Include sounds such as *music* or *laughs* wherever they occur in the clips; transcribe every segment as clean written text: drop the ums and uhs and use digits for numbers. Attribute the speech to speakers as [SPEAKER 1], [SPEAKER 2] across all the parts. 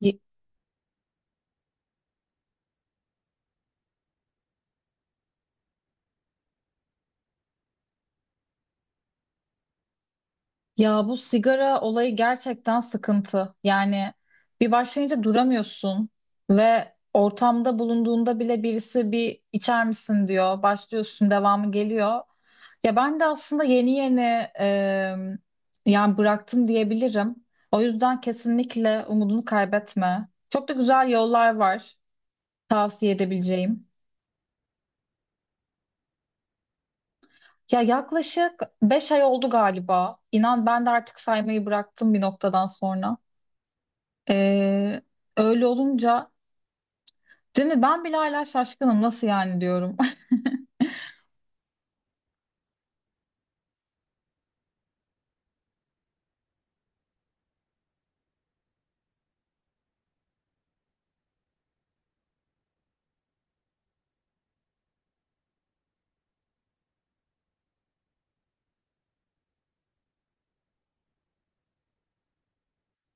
[SPEAKER 1] Y- Ya bu sigara olayı gerçekten sıkıntı. Yani bir başlayınca duramıyorsun ve ortamda bulunduğunda bile birisi bir içer misin diyor. Başlıyorsun, devamı geliyor. Ya ben de aslında yeni yeni e, yani bıraktım diyebilirim. O yüzden kesinlikle umudunu kaybetme. Çok da güzel yollar var tavsiye edebileceğim. Ya yaklaşık beş ay oldu galiba. İnan ben de artık saymayı bıraktım bir noktadan sonra. Ee, öyle olunca değil mi? Ben bile hala şaşkınım nasıl yani diyorum.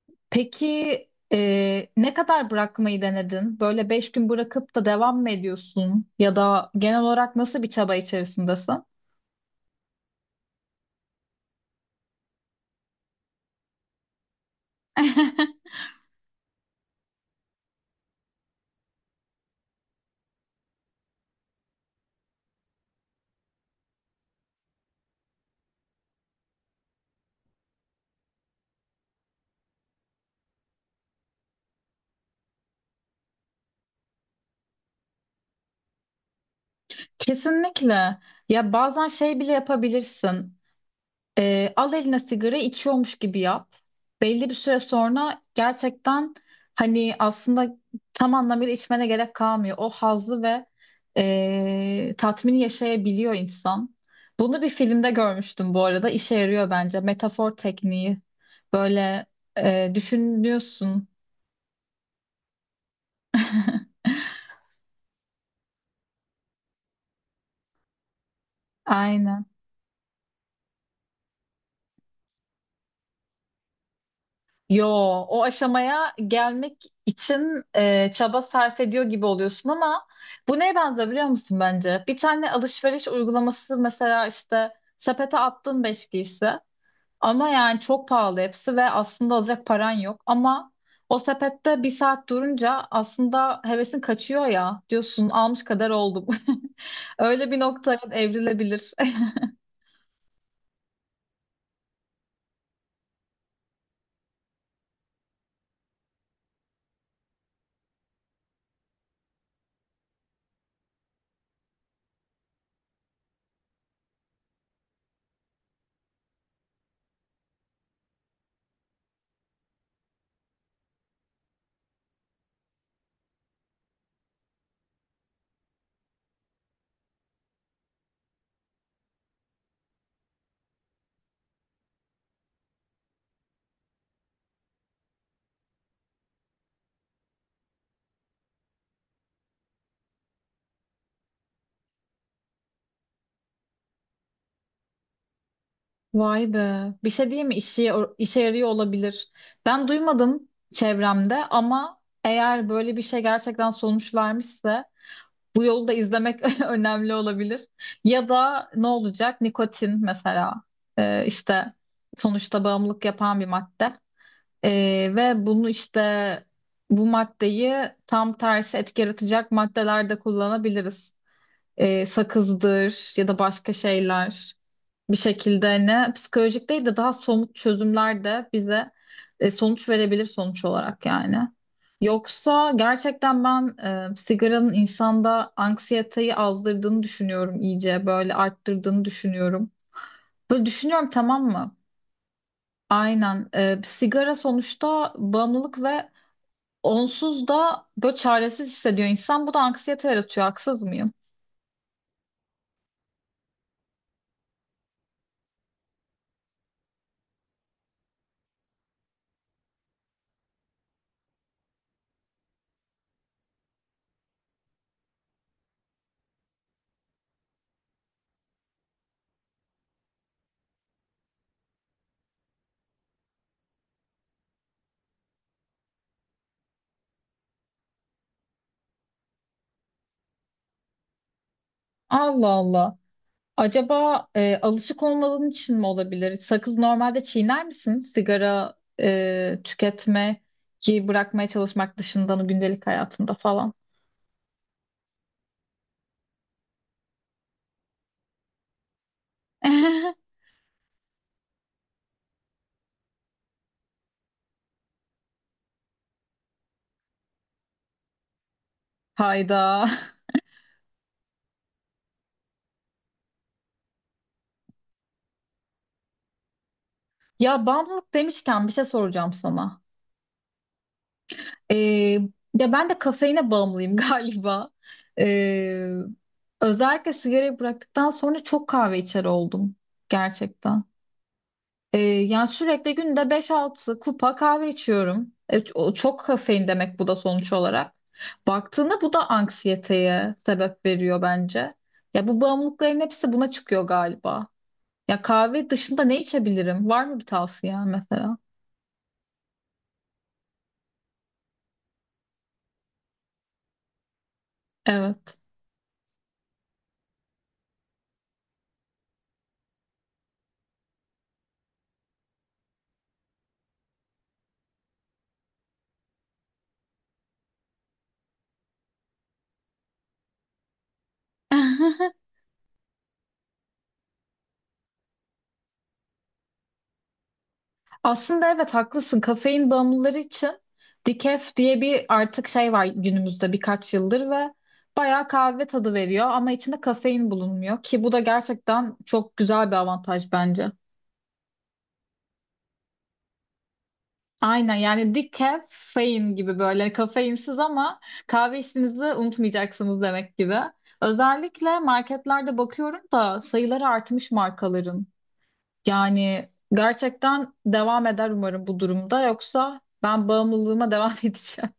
[SPEAKER 1] *laughs* Peki ne kadar bırakmayı denedin? Böyle beş gün bırakıp da devam mı ediyorsun? Ya da genel olarak nasıl bir çaba içerisindesin? *laughs* Kesinlikle. Ya bazen şey bile yapabilirsin. Al eline sigara içiyormuş gibi yap. Belli bir süre sonra gerçekten hani aslında tam anlamıyla içmene gerek kalmıyor. O hazzı ve tatmini yaşayabiliyor insan. Bunu bir filmde görmüştüm bu arada. İşe yarıyor bence. Metafor tekniği. Böyle düşünüyorsun. Aynen. Yo, o aşamaya gelmek için çaba sarf ediyor gibi oluyorsun ama bu neye benziyor biliyor musun bence? Bir tane alışveriş uygulaması mesela işte sepete attın beş giysi ama yani çok pahalı hepsi ve aslında alacak paran yok ama o sepette bir saat durunca aslında hevesin kaçıyor ya diyorsun almış kadar oldum. *laughs* Öyle bir noktaya evrilebilir. Vay be. Bir şey diyeyim mi? İşe yarıyor olabilir. Ben duymadım çevremde ama eğer böyle bir şey gerçekten sonuç vermişse bu yolu da izlemek *laughs* önemli olabilir. Ya da ne olacak? Nikotin mesela. İşte sonuçta bağımlılık yapan bir madde. Ve bunu işte bu maddeyi tam tersi etki yaratacak maddelerde kullanabiliriz. Sakızdır ya da başka şeyler bir şekilde hani psikolojik değil de daha somut çözümler de bize sonuç verebilir sonuç olarak yani. Yoksa gerçekten ben sigaranın insanda anksiyeteyi azdırdığını düşünüyorum iyice böyle arttırdığını düşünüyorum. Böyle düşünüyorum tamam mı? Aynen. Sigara sonuçta bağımlılık ve onsuz da böyle çaresiz hissediyor insan. Bu da anksiyete yaratıyor haksız mıyım? Allah Allah. Acaba alışık olmadığın için mi olabilir? Sakız normalde çiğner misin? Sigara tüketmeyi bırakmaya çalışmak dışında gündelik hayatında falan. *laughs* Hayda. Ya bağımlılık demişken bir şey soracağım sana. E, ya ben de kafeine bağımlıyım *laughs* galiba. E, özellikle sigarayı bıraktıktan sonra çok kahve içer oldum. Gerçekten. Yani sürekli günde beş altı kupa kahve içiyorum. O çok kafein demek bu da sonuç olarak. Baktığında bu da anksiyeteye sebep veriyor bence. Ya bu bağımlılıkların hepsi buna çıkıyor galiba. Ya kahve dışında ne içebilirim? Var mı bir tavsiyen mesela? Evet. *laughs* Aslında evet haklısın. Kafein bağımlıları için decaf diye bir artık şey var günümüzde birkaç yıldır ve bayağı kahve tadı veriyor ama içinde kafein bulunmuyor ki bu da gerçekten çok güzel bir avantaj bence. Aynen yani decaf gibi böyle kafeinsiz ama kahve işinizi unutmayacaksınız demek gibi. Özellikle marketlerde bakıyorum da sayıları artmış markaların. Yani gerçekten devam eder umarım bu durumda yoksa ben bağımlılığıma devam *laughs* edeceğim.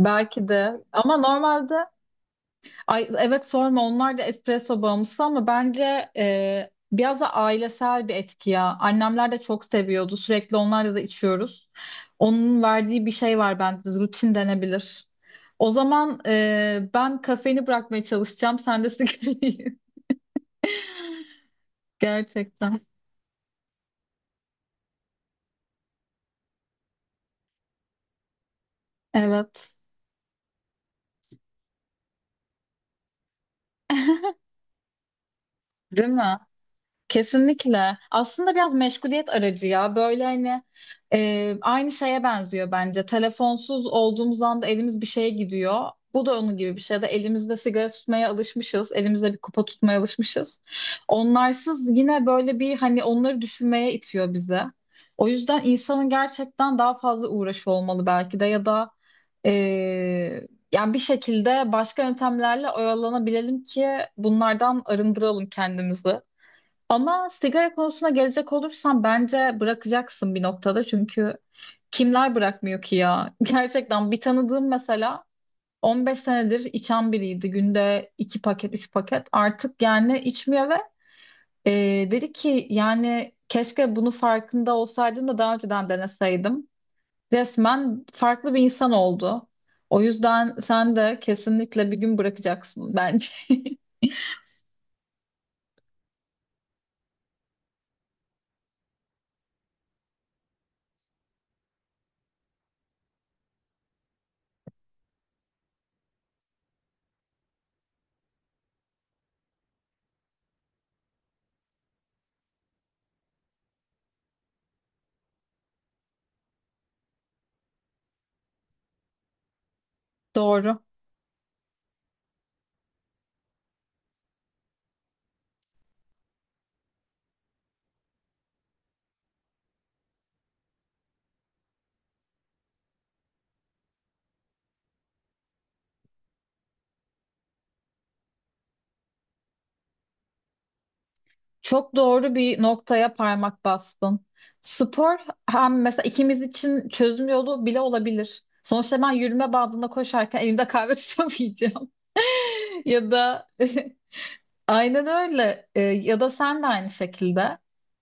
[SPEAKER 1] Belki de ama normalde ay, evet sorma onlar da espresso bağımlısı ama bence biraz da ailesel bir etki ya. Annemler de çok seviyordu. Sürekli onlarla da içiyoruz. Onun verdiği bir şey var bende. Rutin denebilir. O zaman ben kafeini bırakmaya çalışacağım. Sen de sigarayı. *laughs* Gerçekten. Evet. Değil mi? Kesinlikle. Aslında biraz meşguliyet aracı ya. Böyle hani aynı şeye benziyor bence. Telefonsuz olduğumuz anda elimiz bir şeye gidiyor. Bu da onun gibi bir şey ya da elimizde sigara tutmaya alışmışız. Elimizde bir kupa tutmaya alışmışız. Onlarsız yine böyle bir hani onları düşünmeye itiyor bize. O yüzden insanın gerçekten daha fazla uğraşı olmalı belki de ya da e, yani bir şekilde başka yöntemlerle oyalanabilelim ki bunlardan arındıralım kendimizi. Ama sigara konusuna gelecek olursam bence bırakacaksın bir noktada çünkü kimler bırakmıyor ki ya? *laughs* Gerçekten bir tanıdığım mesela 15 senedir içen biriydi. Günde 2 paket, 3 paket. Artık yani içmiyor ve e, dedi ki yani keşke bunu farkında olsaydım da daha önceden deneseydim. Resmen farklı bir insan oldu. O yüzden sen de kesinlikle bir gün bırakacaksın bence. *laughs* Doğru. Çok doğru bir noktaya parmak bastın. Spor hem mesela ikimiz için çözüm yolu bile olabilir. Sonuçta ben yürüme bandında koşarken elimde kahve *laughs* tutamayacağım. *laughs* Ya da *laughs* aynen öyle. Ya da sen de aynı şekilde.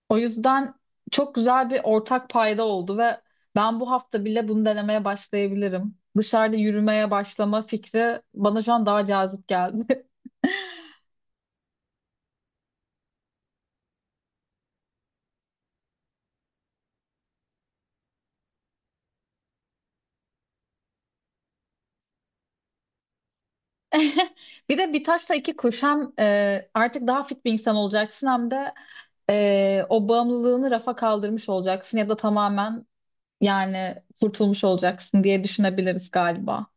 [SPEAKER 1] O yüzden çok güzel bir ortak payda oldu ve ben bu hafta bile bunu denemeye başlayabilirim. Dışarıda yürümeye başlama fikri bana şu an daha cazip geldi. *laughs* *laughs* Bir de bir taşla iki kuş hem artık daha fit bir insan olacaksın hem de o bağımlılığını rafa kaldırmış olacaksın ya da tamamen yani kurtulmuş olacaksın diye düşünebiliriz galiba.